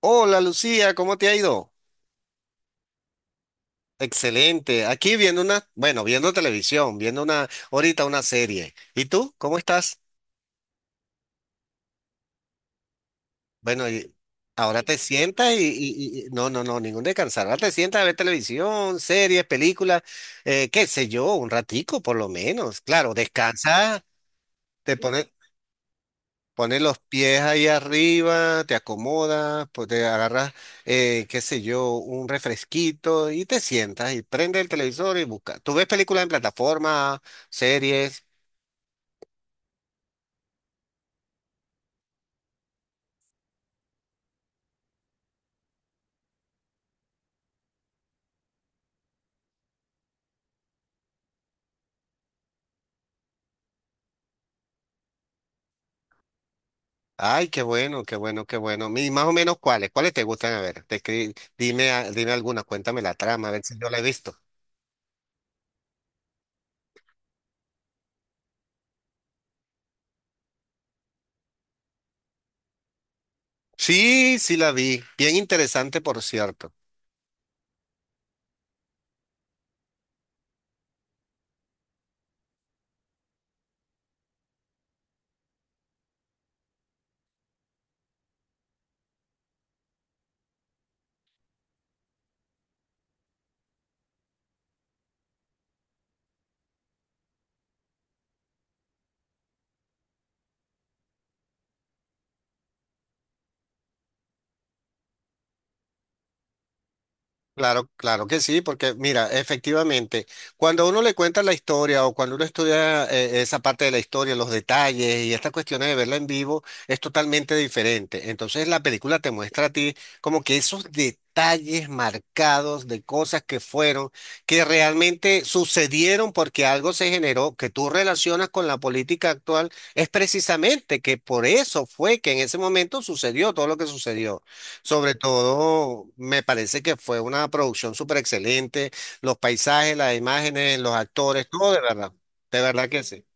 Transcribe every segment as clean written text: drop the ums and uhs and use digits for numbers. Hola Lucía, ¿cómo te ha ido? Excelente. Aquí viendo una, bueno, viendo televisión, viendo una, ahorita una serie. ¿Y tú? ¿Cómo estás? Bueno, y ahora te sientas no, no, no, ningún descansar. Ahora te sientas a ver televisión, series, películas, qué sé yo, un ratico por lo menos. Claro, descansa, te pones. Pones los pies ahí arriba, te acomodas, pues te agarras, qué sé yo, un refresquito y te sientas y prende el televisor y busca. Tú ves películas en plataforma, series. Ay, qué bueno, qué bueno, qué bueno. Y más o menos cuáles, cuáles te gustan a ver. Dime, dime alguna, cuéntame la trama, a ver si yo la he visto. Sí, sí la vi. Bien interesante, por cierto. Claro, claro que sí, porque mira, efectivamente, cuando uno le cuenta la historia o cuando uno estudia esa parte de la historia, los detalles y estas cuestiones de verla en vivo, es totalmente diferente. Entonces la película te muestra a ti como que esos detalles marcados de cosas que fueron, que realmente sucedieron porque algo se generó, que tú relacionas con la política actual, es precisamente que por eso fue que en ese momento sucedió todo lo que sucedió. Sobre todo, me parece que fue una producción súper excelente. Los paisajes, las imágenes, los actores, todo de verdad. De verdad que sí.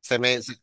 Se me... se-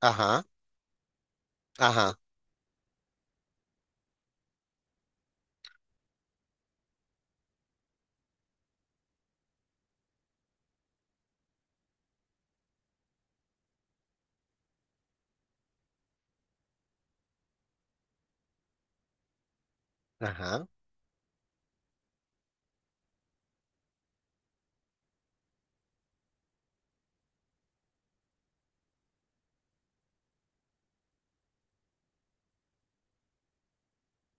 Ajá, ajá, ajá.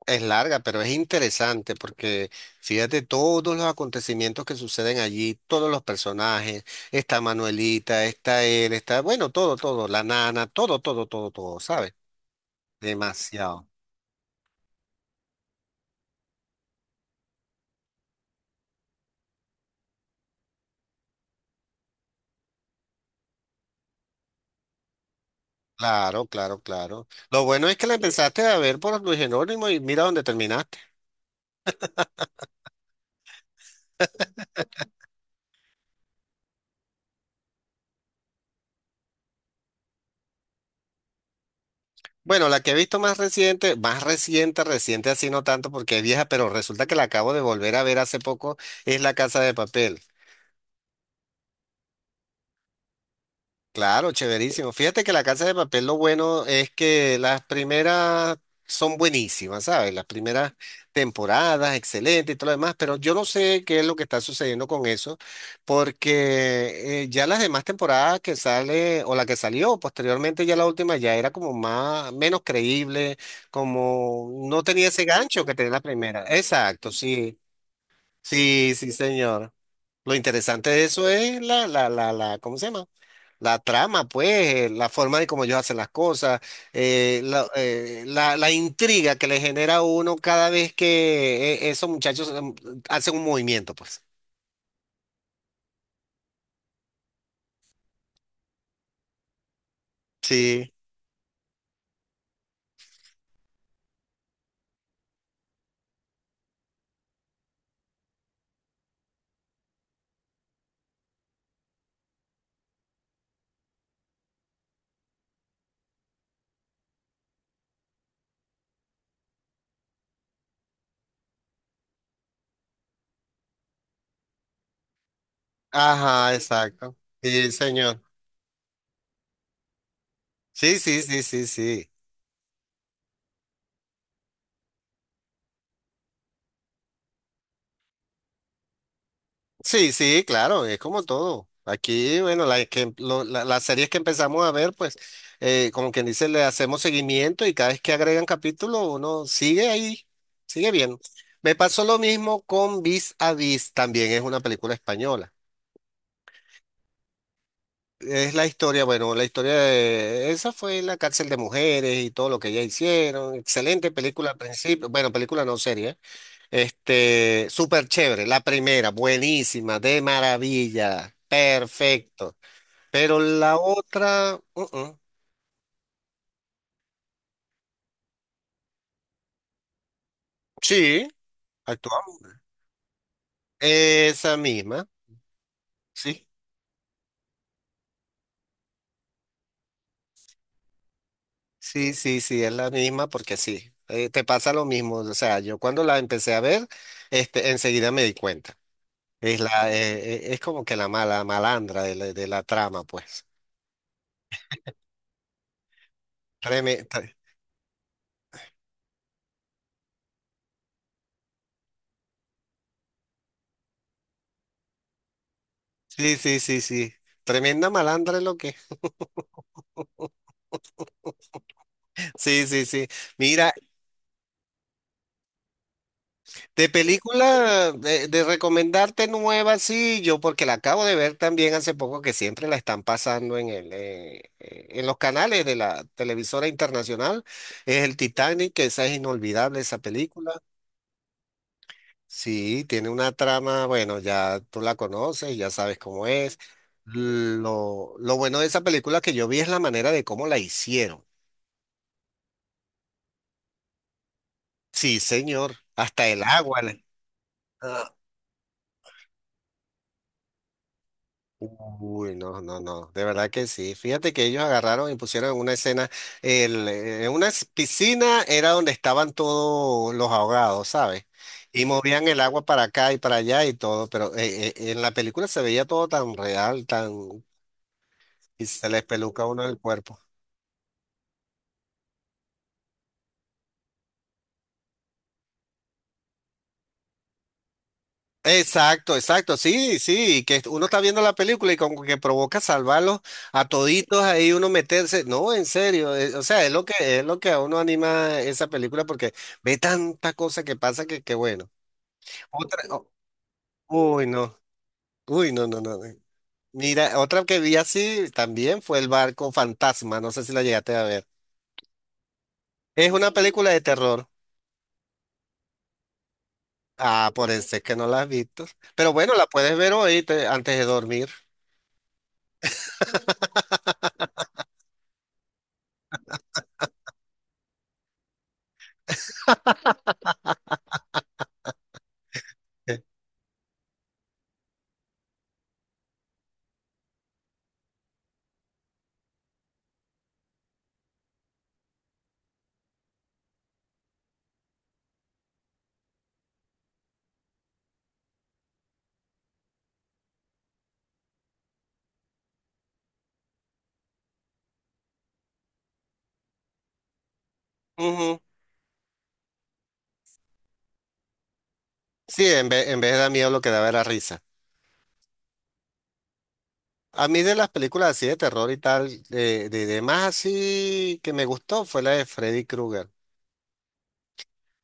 Es larga, pero es interesante porque fíjate todos los acontecimientos que suceden allí, todos los personajes. Está Manuelita, está él, está, bueno, todo, todo, la nana, todo, todo, todo, todo, ¿sabes? Demasiado. Claro, claro, claro. Lo bueno es que la empezaste a ver por Luis Genónimo y mira dónde terminaste. Bueno, la que he visto más reciente, reciente así no tanto porque es vieja, pero resulta que la acabo de volver a ver hace poco, es La Casa de Papel. Claro, chéverísimo. Fíjate que La Casa de Papel lo bueno es que las primeras son buenísimas, ¿sabes? Las primeras temporadas, excelente y todo lo demás, pero yo no sé qué es lo que está sucediendo con eso, porque ya las demás temporadas que sale o la que salió posteriormente, ya la última ya era como más, menos creíble, como no tenía ese gancho que tenía la primera. Exacto, sí, sí, sí, señor. Lo interesante de eso es la, ¿cómo se llama? La trama, pues, la forma de cómo ellos hacen las cosas, la intriga que le genera a uno cada vez que esos muchachos hacen un movimiento, pues. Sí. Ajá, exacto. Sí, señor. Sí, sí, sí, sí, sí. Sí, sí, claro, es como todo. Aquí, bueno, la que- lo- la- las series que empezamos a ver, pues, como quien dice, le hacemos seguimiento y cada vez que agregan capítulo, uno sigue ahí, sigue bien. Me pasó lo mismo con Vis a Vis, también es una película española. Es la historia, bueno, la historia de esa fue la cárcel de mujeres y todo lo que ellas hicieron. Excelente película al principio, bueno, película no serie. Este, súper chévere. La primera, buenísima, de maravilla, perfecto. Pero la otra, mm, mm. Sí, actuamos. Esa misma, sí. Sí, sí, sí, es la misma porque sí. Te pasa lo mismo. O sea, yo cuando la empecé a ver, este, enseguida me di cuenta. Es la, es como que la mala malandra de de la trama, pues. Treme- tre- sí, sí, sí, sí. Tremenda malandra es lo que. Sí, sí, sí. Mira, de película, de recomendarte nueva, sí, yo porque la acabo de ver también hace poco que siempre la están pasando en el, en los canales de la televisora internacional, es el Titanic, que esa es inolvidable esa película. Sí, tiene una trama, bueno, ya tú la conoces, ya sabes cómo es. Lo bueno de esa película que yo vi es la manera de cómo la hicieron. Sí, señor, hasta el agua. Uy, no, no, no, de verdad que sí. Fíjate que ellos agarraron y pusieron en una escena, en una piscina era donde estaban todos los ahogados, ¿sabes? Y movían el agua para acá y para allá y todo, pero en la película se veía todo tan real, tan... y se les peluca a uno el cuerpo. Exacto, exacto, sí, sí, que uno está viendo la película y como que provoca salvarlos a toditos ahí uno meterse, no, en serio, o sea, es lo que a uno anima esa película porque ve tanta cosa que pasa que bueno. Otra, o- uy, no, uy, no, no, no. No. Mira, otra que vi así también fue El barco fantasma, no sé si la llegaste a ver. Es una película de terror. Ah, por eso es que no la has visto. Pero bueno, la puedes ver hoy antes de dormir. Ujú. Sí, en vez de dar miedo lo que daba era risa. A mí de las películas así de terror y tal, de más así que me gustó fue la de Freddy Krueger.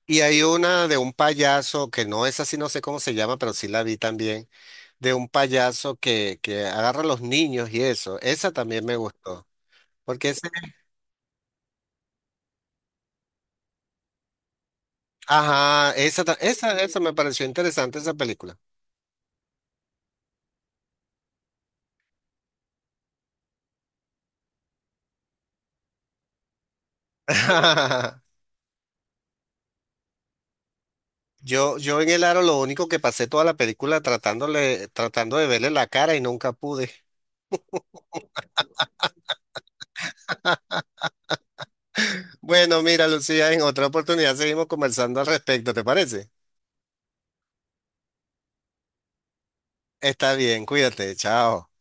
Y hay una de un payaso, que no es así, no sé cómo se llama, pero sí la vi también, de un payaso que agarra a los niños y eso. Esa también me gustó. Porque ese, ajá, esa, esa me pareció interesante esa película. Yo en el aro lo único que pasé toda la película tratando de verle la cara y nunca pude. Bueno, mira, Lucía, en otra oportunidad seguimos conversando al respecto, ¿te parece? Está bien, cuídate, chao.